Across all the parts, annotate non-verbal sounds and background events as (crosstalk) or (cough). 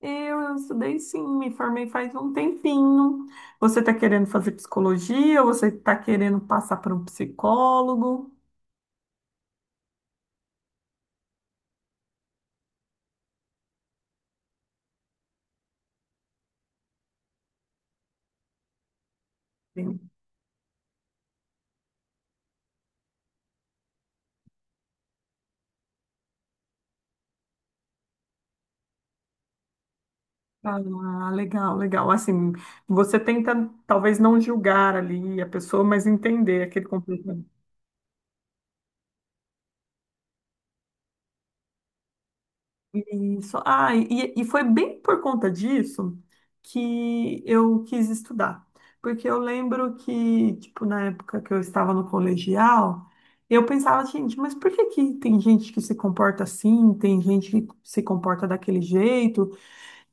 Eu estudei, sim, me formei faz um tempinho. Você está querendo fazer psicologia? Você está querendo passar por um psicólogo? Sim. Ah, legal, legal. Assim, você tenta talvez não julgar ali a pessoa, mas entender aquele comportamento. Isso. Ah, e foi bem por conta disso que eu quis estudar. Porque eu lembro que, tipo, na época que eu estava no colegial, eu pensava, gente, mas por que que tem gente que se comporta assim, tem gente que se comporta daquele jeito?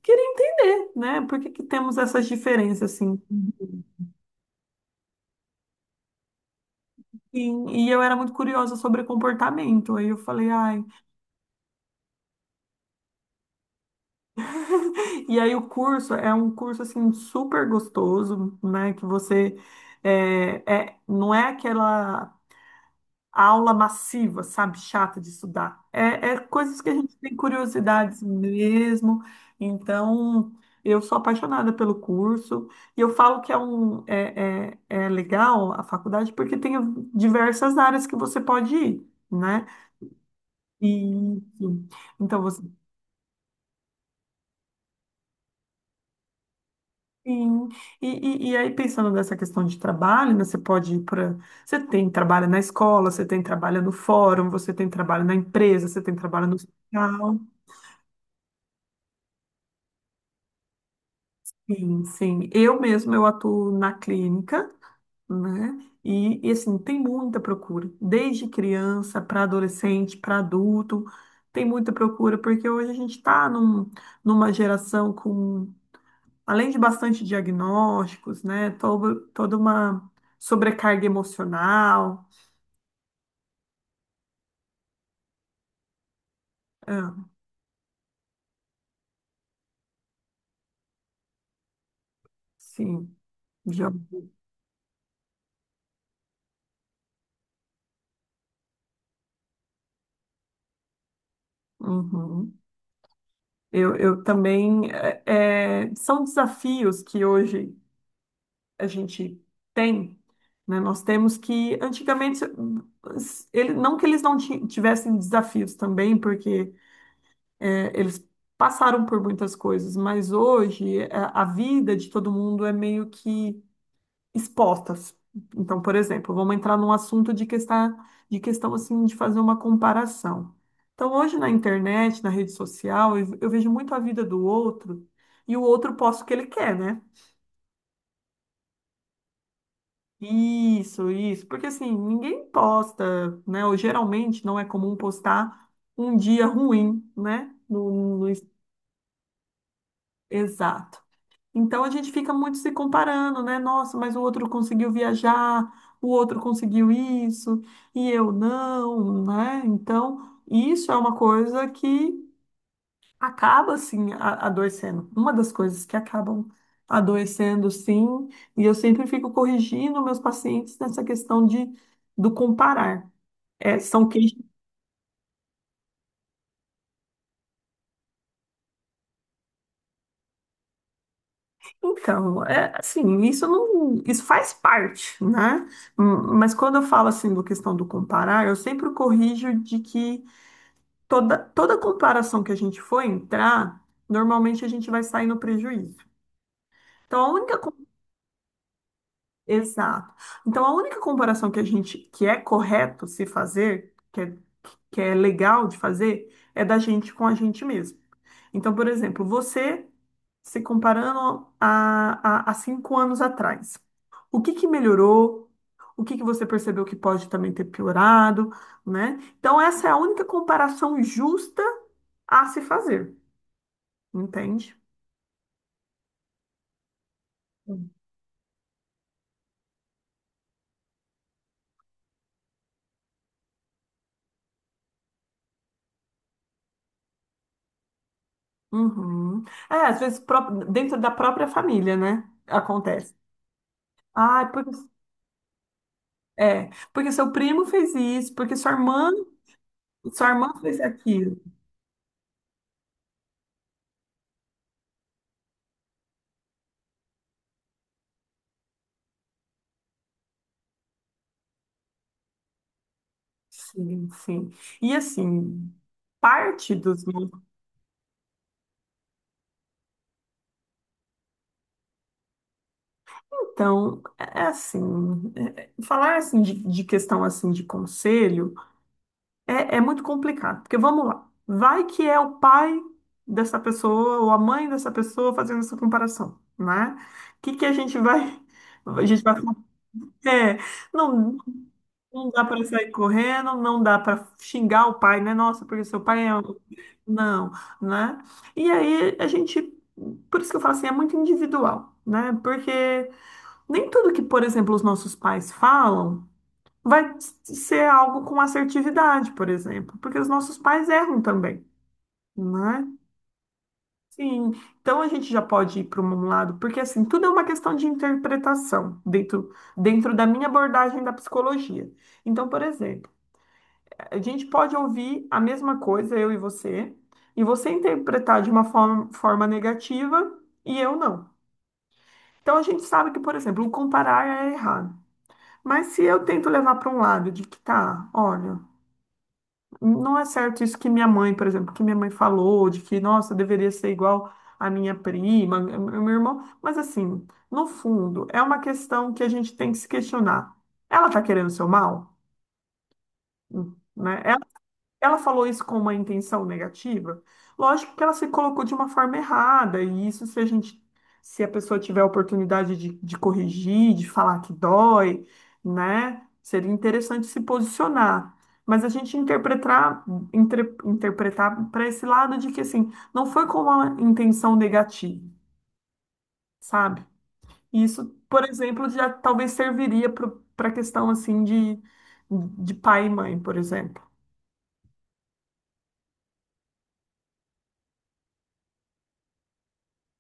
Queria entender, né? Por que que temos essas diferenças, assim? E, e eu era muito curiosa sobre comportamento. Aí eu falei, ai. E aí o curso é um curso assim super gostoso, né? Que você não é aquela aula massiva, sabe, chata de estudar. É coisas que a gente tem curiosidades mesmo. Então eu sou apaixonada pelo curso e eu falo que é legal a faculdade porque tem diversas áreas que você pode ir, né? E então você. Sim, e, e aí pensando nessa questão de trabalho, né, você pode ir para. Você tem trabalho na escola, você tem trabalho no fórum, você tem trabalho na empresa, você tem trabalho no hospital. Sim, sim. Eu mesma eu atuo na clínica, né? E, assim, tem muita procura, desde criança para adolescente, para adulto, tem muita procura, porque hoje a gente está numa geração com, além de bastante diagnósticos, né? Toda uma sobrecarga emocional. Ah, sim, já. Uhum. Eu também. São desafios que hoje a gente tem, né? Nós temos que, antigamente, ele, não que eles não tivessem desafios também, porque eles. Passaram por muitas coisas, mas hoje a vida de todo mundo é meio que expostas. Então, por exemplo, vamos entrar num assunto de questão, assim, de fazer uma comparação. Então, hoje na internet, na rede social, eu vejo muito a vida do outro e o outro posta o que ele quer, né? Isso, porque, assim, ninguém posta, né? Ou geralmente não é comum postar um dia ruim, né? No, no, no- Exato. Então a gente fica muito se comparando, né? Nossa, mas o outro conseguiu viajar, o outro conseguiu isso e eu não, né? Então isso é uma coisa que acaba assim adoecendo. Uma das coisas que acabam adoecendo, sim. E eu sempre fico corrigindo meus pacientes nessa questão de do comparar. É, são. Então, é assim, isso não, isso faz parte, né? Hum. Mas quando eu falo assim do questão do comparar, eu sempre corrijo de que toda comparação que a gente for entrar, normalmente a gente vai sair no prejuízo. Então, a única exato. Então, a única comparação que a gente, que é correto se fazer, que é legal de fazer, é da gente com a gente mesmo. Então, por exemplo, você se comparando a 5 anos atrás, o que que melhorou? O que que você percebeu que pode também ter piorado, né? Então, essa é a única comparação justa a se fazer, entende? Uhum. É, às vezes dentro da própria família, né? Acontece. Ah, porque, é, porque seu primo fez isso, porque sua irmã fez aquilo. Sim, sim. E, assim, parte dos. Então, é assim, falar assim de questão assim de conselho é, é muito complicado, porque vamos lá, vai que é o pai dessa pessoa ou a mãe dessa pessoa fazendo essa comparação, né? O que que a gente vai, a gente vai, é, não, não dá para sair correndo, não dá para xingar o pai, né? Nossa, porque seu pai é, não, né? E aí a gente, por isso que eu falo assim, é muito individual, né? Porque nem tudo que, por exemplo, os nossos pais falam vai ser algo com assertividade, por exemplo, porque os nossos pais erram também, né? Sim, então a gente já pode ir para um lado, porque, assim, tudo é uma questão de interpretação dentro da minha abordagem da psicologia. Então, por exemplo, a gente pode ouvir a mesma coisa, eu e você interpretar de uma forma negativa e eu não. Então a gente sabe que, por exemplo, o comparar é errado. Mas se eu tento levar para um lado de que tá, olha, não é certo isso que minha mãe, por exemplo, que minha mãe falou, de que, nossa, eu deveria ser igual à minha prima, ao meu irmão, mas, assim, no fundo, é uma questão que a gente tem que se questionar. Ela tá querendo o seu mal? Né? Ela falou isso com uma intenção negativa? Lógico que ela se colocou de uma forma errada, e isso se a gente, se a pessoa tiver a oportunidade de corrigir, de falar que dói, né? Seria interessante se posicionar. Mas a gente interpretar, interpretar para esse lado de que, assim, não foi com uma intenção negativa, sabe? Isso, por exemplo, já talvez serviria para a questão assim de pai e mãe, por exemplo.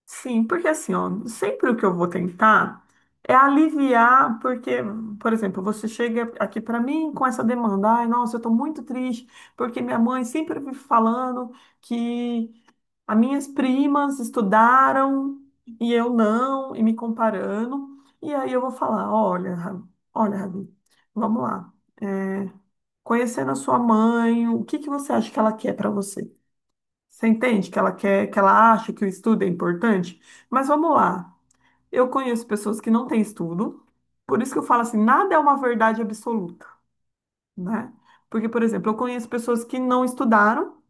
Sim, porque assim, ó, sempre o que eu vou tentar é aliviar, porque, por exemplo, você chega aqui para mim com essa demanda, ai, nossa, eu tô muito triste, porque minha mãe sempre me falando que as minhas primas estudaram e eu não, e me comparando, e aí eu vou falar, olha, Rabi, vamos lá, é, conhecendo a sua mãe, o que que você acha que ela quer para você? Você entende que ela quer, que ela acha que o estudo é importante? Mas vamos lá. Eu conheço pessoas que não têm estudo, por isso que eu falo assim, nada é uma verdade absoluta, né? Porque, por exemplo, eu conheço pessoas que não estudaram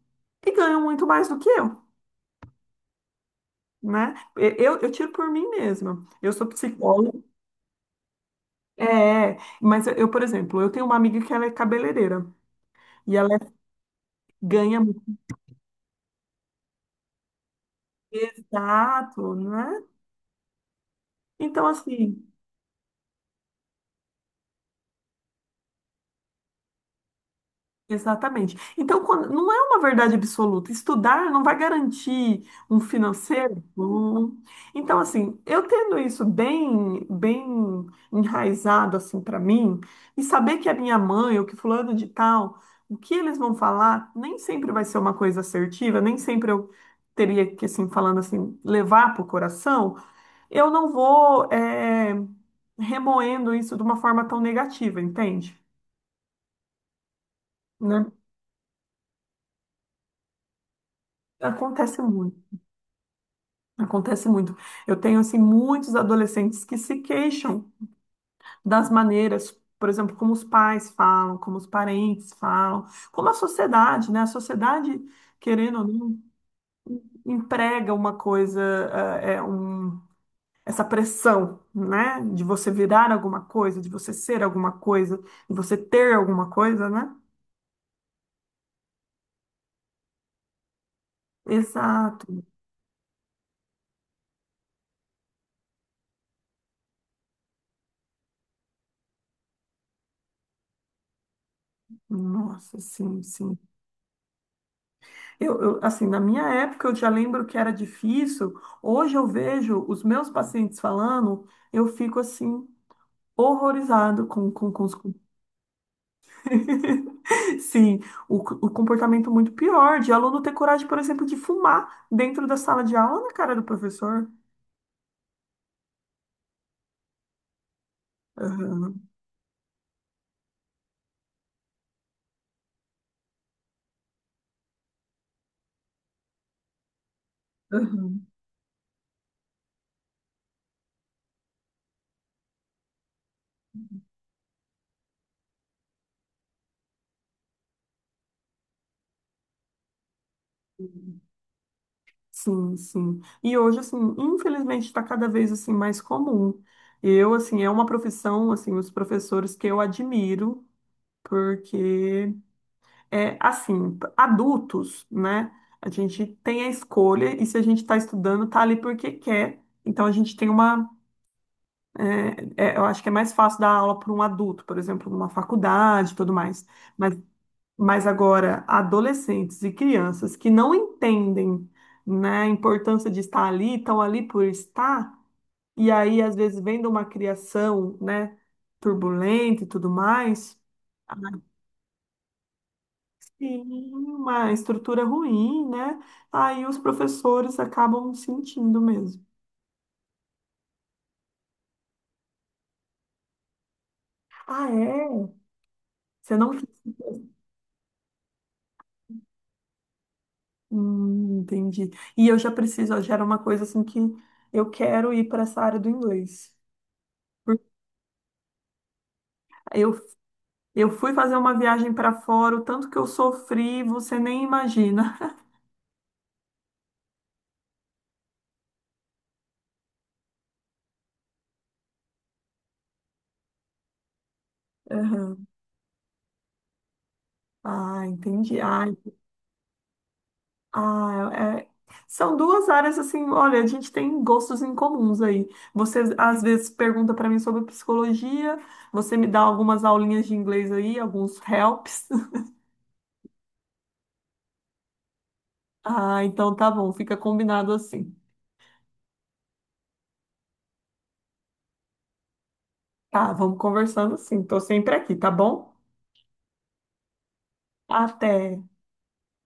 e ganham muito mais do que eu, né? Eu tiro por mim mesma. Eu sou psicóloga, é, mas eu, por exemplo, eu tenho uma amiga que ela é cabeleireira e ela ganha muito. Exato, né? Então, assim, exatamente. Então, não é uma verdade absoluta. Estudar não vai garantir um financeiro bom. Então, assim, eu tendo isso bem, bem enraizado assim para mim e saber que a minha mãe ou que fulano de tal, o que eles vão falar, nem sempre vai ser uma coisa assertiva, nem sempre eu teria que assim falando assim levar para o coração. Eu não vou remoendo isso de uma forma tão negativa, entende? Né? Acontece muito. Acontece muito. Eu tenho, assim, muitos adolescentes que se queixam das maneiras, por exemplo, como os pais falam, como os parentes falam, como a sociedade, né? A sociedade, querendo ou não, emprega uma coisa, eh, é um, essa pressão, né? De você virar alguma coisa, de você ser alguma coisa, de você ter alguma coisa, né? Exato. Nossa, sim, sim. Eu, assim, na minha época eu já lembro que era difícil. Hoje eu vejo os meus pacientes falando, eu fico assim, horrorizado com os. (laughs) Sim, o comportamento muito pior de aluno ter coragem, por exemplo, de fumar dentro da sala de aula na cara do professor. Aham, aham. Sim, sim. E hoje, assim, infelizmente está cada vez assim mais comum. Eu, assim, é uma profissão, assim, os professores que eu admiro, porque é, assim, adultos, né? A gente tem a escolha e se a gente está estudando, tá ali porque quer. Então a gente tem uma, eu acho que é mais fácil dar aula para um adulto, por exemplo, numa faculdade e tudo mais. Mas, mas agora, adolescentes e crianças que não entendem, né, a importância de estar ali, estão ali por estar, e aí, às vezes, vendo uma criação, né, turbulenta e tudo mais. Sim, uma estrutura ruim, né? Aí os professores acabam sentindo mesmo. Ah, é? Você não fez. Entendi. E eu já preciso, já era uma coisa assim que eu quero ir para essa área do inglês. Por- Eu, eu fui fazer uma viagem para fora, o tanto que eu sofri, você nem imagina. (laughs) Aham. Ah, entendi. Ah, Ah, é- é, são duas áreas assim, olha, a gente tem gostos em comuns aí. Você às vezes pergunta para mim sobre psicologia, você me dá algumas aulinhas de inglês aí, alguns helps. (laughs) Ah, então tá bom, fica combinado assim. Tá, vamos conversando assim. Tô sempre aqui, tá bom? Até.